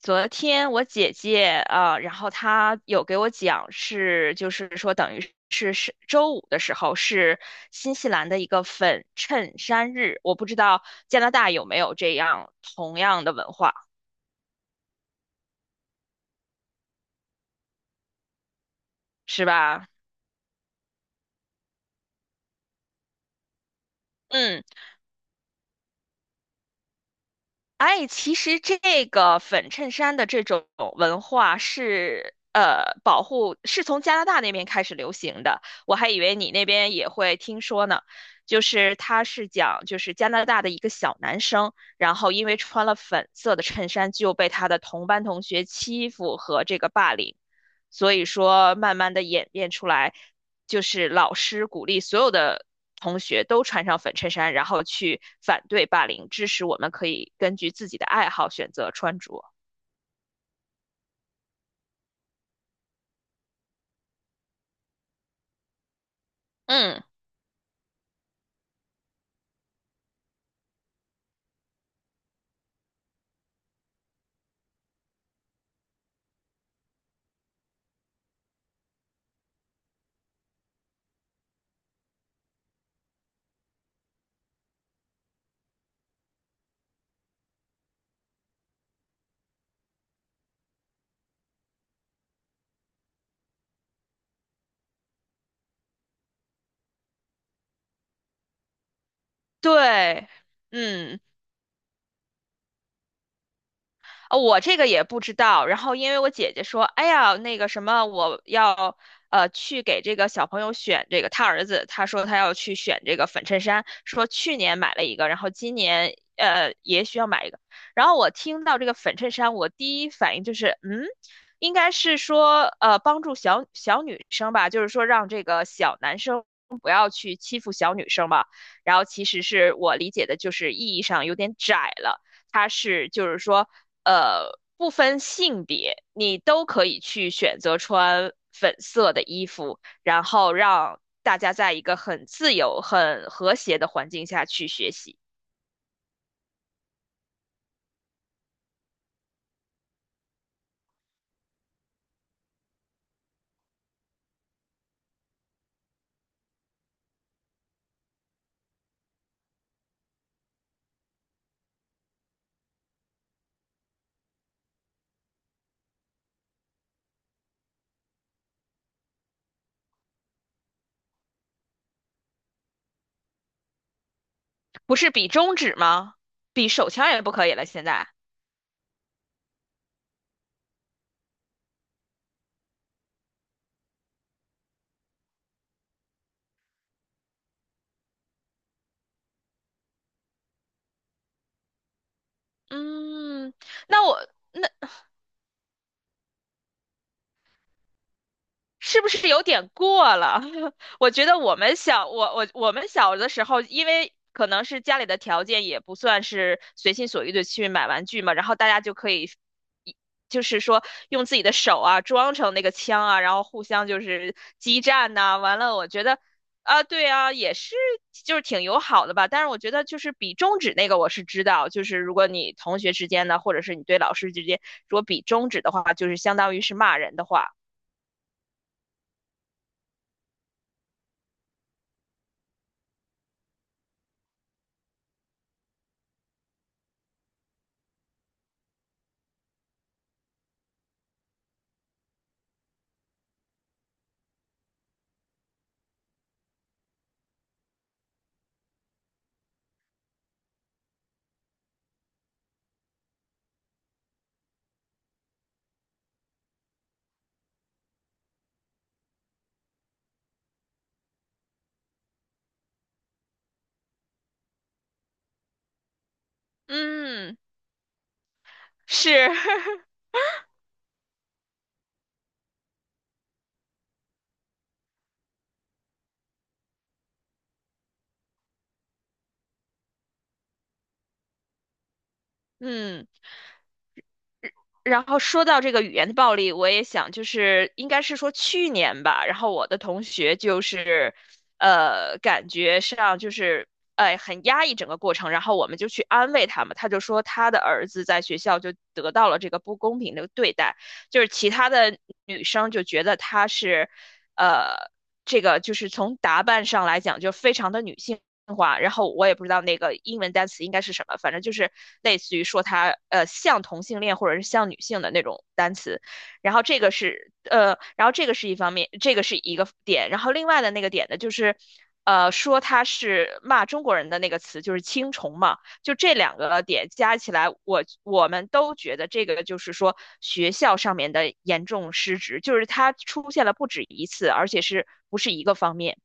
昨天我姐姐啊，然后她有给我讲就是说等于是周五的时候是新西兰的一个粉衬衫日，我不知道加拿大有没有这样同样的文化，是吧？嗯，哎，其实这个粉衬衫的这种文化是保护，是从加拿大那边开始流行的。我还以为你那边也会听说呢，就是他是讲就是加拿大的一个小男生，然后因为穿了粉色的衬衫就被他的同班同学欺负和这个霸凌，所以说慢慢的演变出来。就是老师鼓励所有的同学都穿上粉衬衫，然后去反对霸凌，支持我们可以根据自己的爱好选择穿着。嗯，对，嗯。我这个也不知道。然后因为我姐姐说，哎呀，那个什么，我要去给这个小朋友选这个，他儿子他说他要去选这个粉衬衫，说去年买了一个，然后今年也需要买一个。然后我听到这个粉衬衫，我第一反应就是，嗯，应该是说帮助小小女生吧，就是说让这个小男生。不要去欺负小女生吧，然后其实是我理解的，就是意义上有点窄了。它是就是说，呃，不分性别，你都可以去选择穿粉色的衣服，然后让大家在一个很自由、很和谐的环境下去学习。不是比中指吗？比手枪也不可以了，现在。嗯，那我那是不是有点过了？我觉得我们小的时候，因为可能是家里的条件也不算是随心所欲的去买玩具嘛，然后大家就可以一，就是说用自己的手啊装成那个枪啊，然后互相就是激战呐、完了，我觉得啊，对啊，也是就是挺友好的吧。但是我觉得就是比中指那个我是知道，就是如果你同学之间呢，或者是你对老师之间，如果比中指的话，就是相当于是骂人的话，嗯。是，嗯，然后说到这个语言的暴力，我也想，就是应该是说去年吧，然后我的同学就是，感觉上就是，哎，很压抑整个过程，然后我们就去安慰他嘛，他就说他的儿子在学校就得到了这个不公平的对待，就是其他的女生就觉得他是，呃，这个就是从打扮上来讲就非常的女性话，然后我也不知道那个英文单词应该是什么，反正就是类似于说它像同性恋或者是像女性的那种单词。然后这个是一方面，这个是一个点。然后另外的那个点呢，就是说他是骂中国人的那个词就是青虫嘛，就这两个点加起来，我们都觉得这个就是说学校上面的严重失职，就是它出现了不止一次，而且是不是一个方面。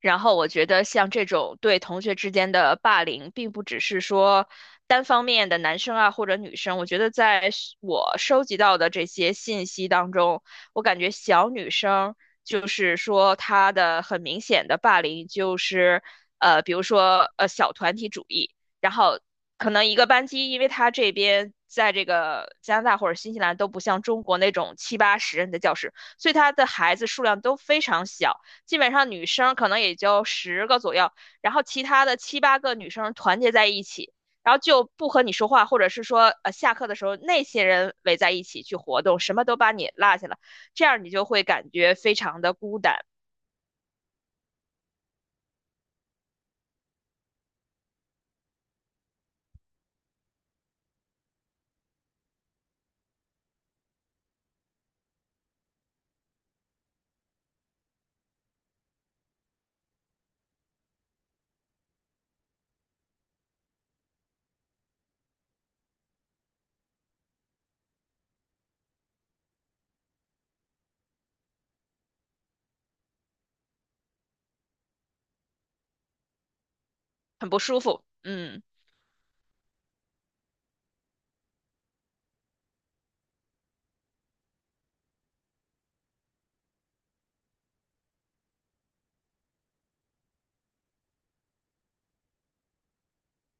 然后我觉得像这种对同学之间的霸凌，并不只是说单方面的男生啊或者女生。我觉得在是我收集到的这些信息当中，我感觉小女生就是说她的很明显的霸凌就是比如说小团体主义，然后可能一个班级，因为她这边。在这个加拿大或者新西兰都不像中国那种七八十人的教室，所以他的孩子数量都非常小。基本上女生可能也就十个左右，然后其他的七八个女生团结在一起，然后就不和你说话，或者是说下课的时候那些人围在一起去活动，什么都把你落下了，这样你就会感觉非常的孤单，很不舒服。嗯。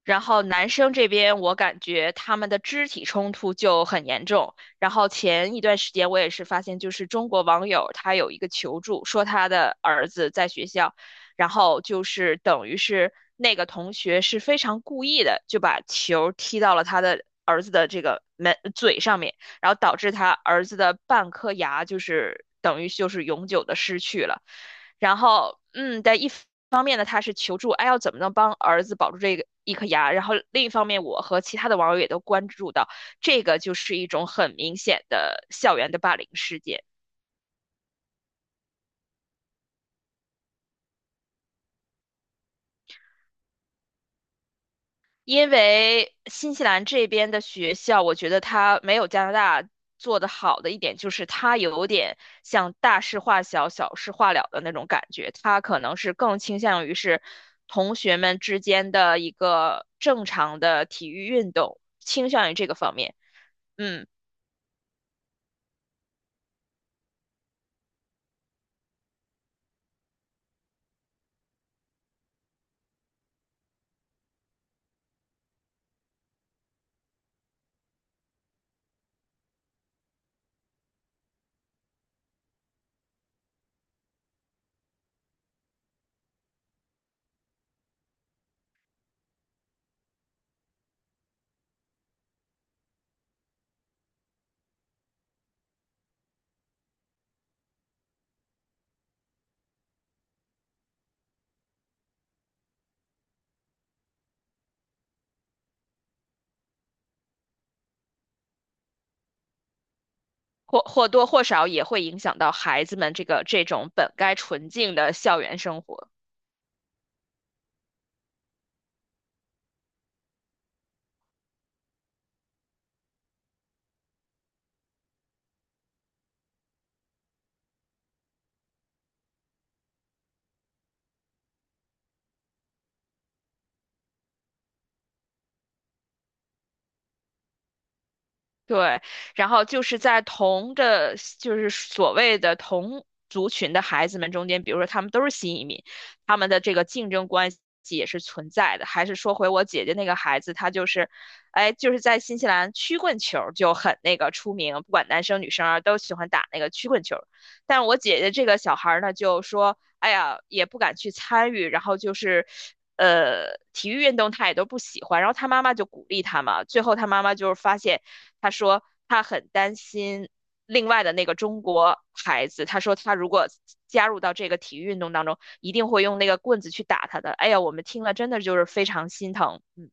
然后男生这边，我感觉他们的肢体冲突就很严重。然后前一段时间，我也是发现，就是中国网友他有一个求助，说他的儿子在学校，然后就是等于是那个同学是非常故意的，就把球踢到了他的儿子的这个门嘴上面。然后导致他儿子的半颗牙就是等于就是永久的失去了。然后，嗯，但一方面呢，他是求助，哎，要怎么能帮儿子保住这个一颗牙？然后另一方面，我和其他的网友也都关注到，这个就是一种很明显的校园的霸凌事件。因为新西兰这边的学校，我觉得它没有加拿大做得好的一点，就是它有点像大事化小、小事化了的那种感觉。它可能是更倾向于是同学们之间的一个正常的体育运动，倾向于这个方面。嗯，或或多或少也会影响到孩子们这个这种本该纯净的校园生活。对，然后就是在同的，就是所谓的同族群的孩子们中间，比如说他们都是新移民，他们的这个竞争关系也是存在的。还是说回我姐姐那个孩子，他就是，哎，就是在新西兰曲棍球儿就很那个出名，不管男生女生啊都喜欢打那个曲棍球儿。但我姐姐这个小孩儿呢，就说，哎呀，也不敢去参与，然后就是。体育运动他也都不喜欢，然后他妈妈就鼓励他嘛。最后他妈妈就是发现，他说他很担心另外的那个中国孩子，他说他如果加入到这个体育运动当中，一定会用那个棍子去打他的。哎呀，我们听了真的就是非常心疼，嗯，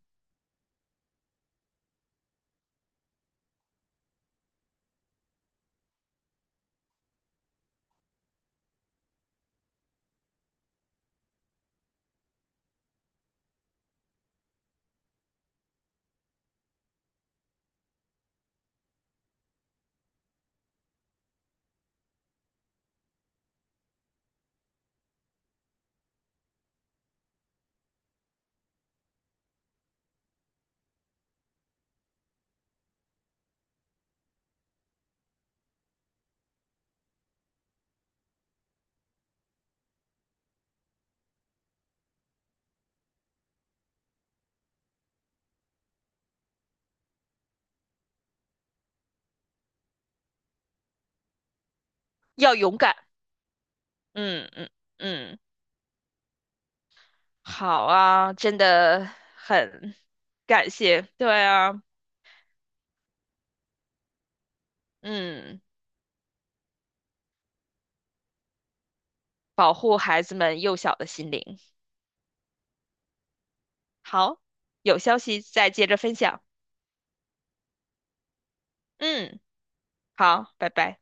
要勇敢，嗯嗯嗯，好啊，真的很感谢，对啊，嗯，保护孩子们幼小的心灵。好，有消息再接着分享。嗯，好，拜拜。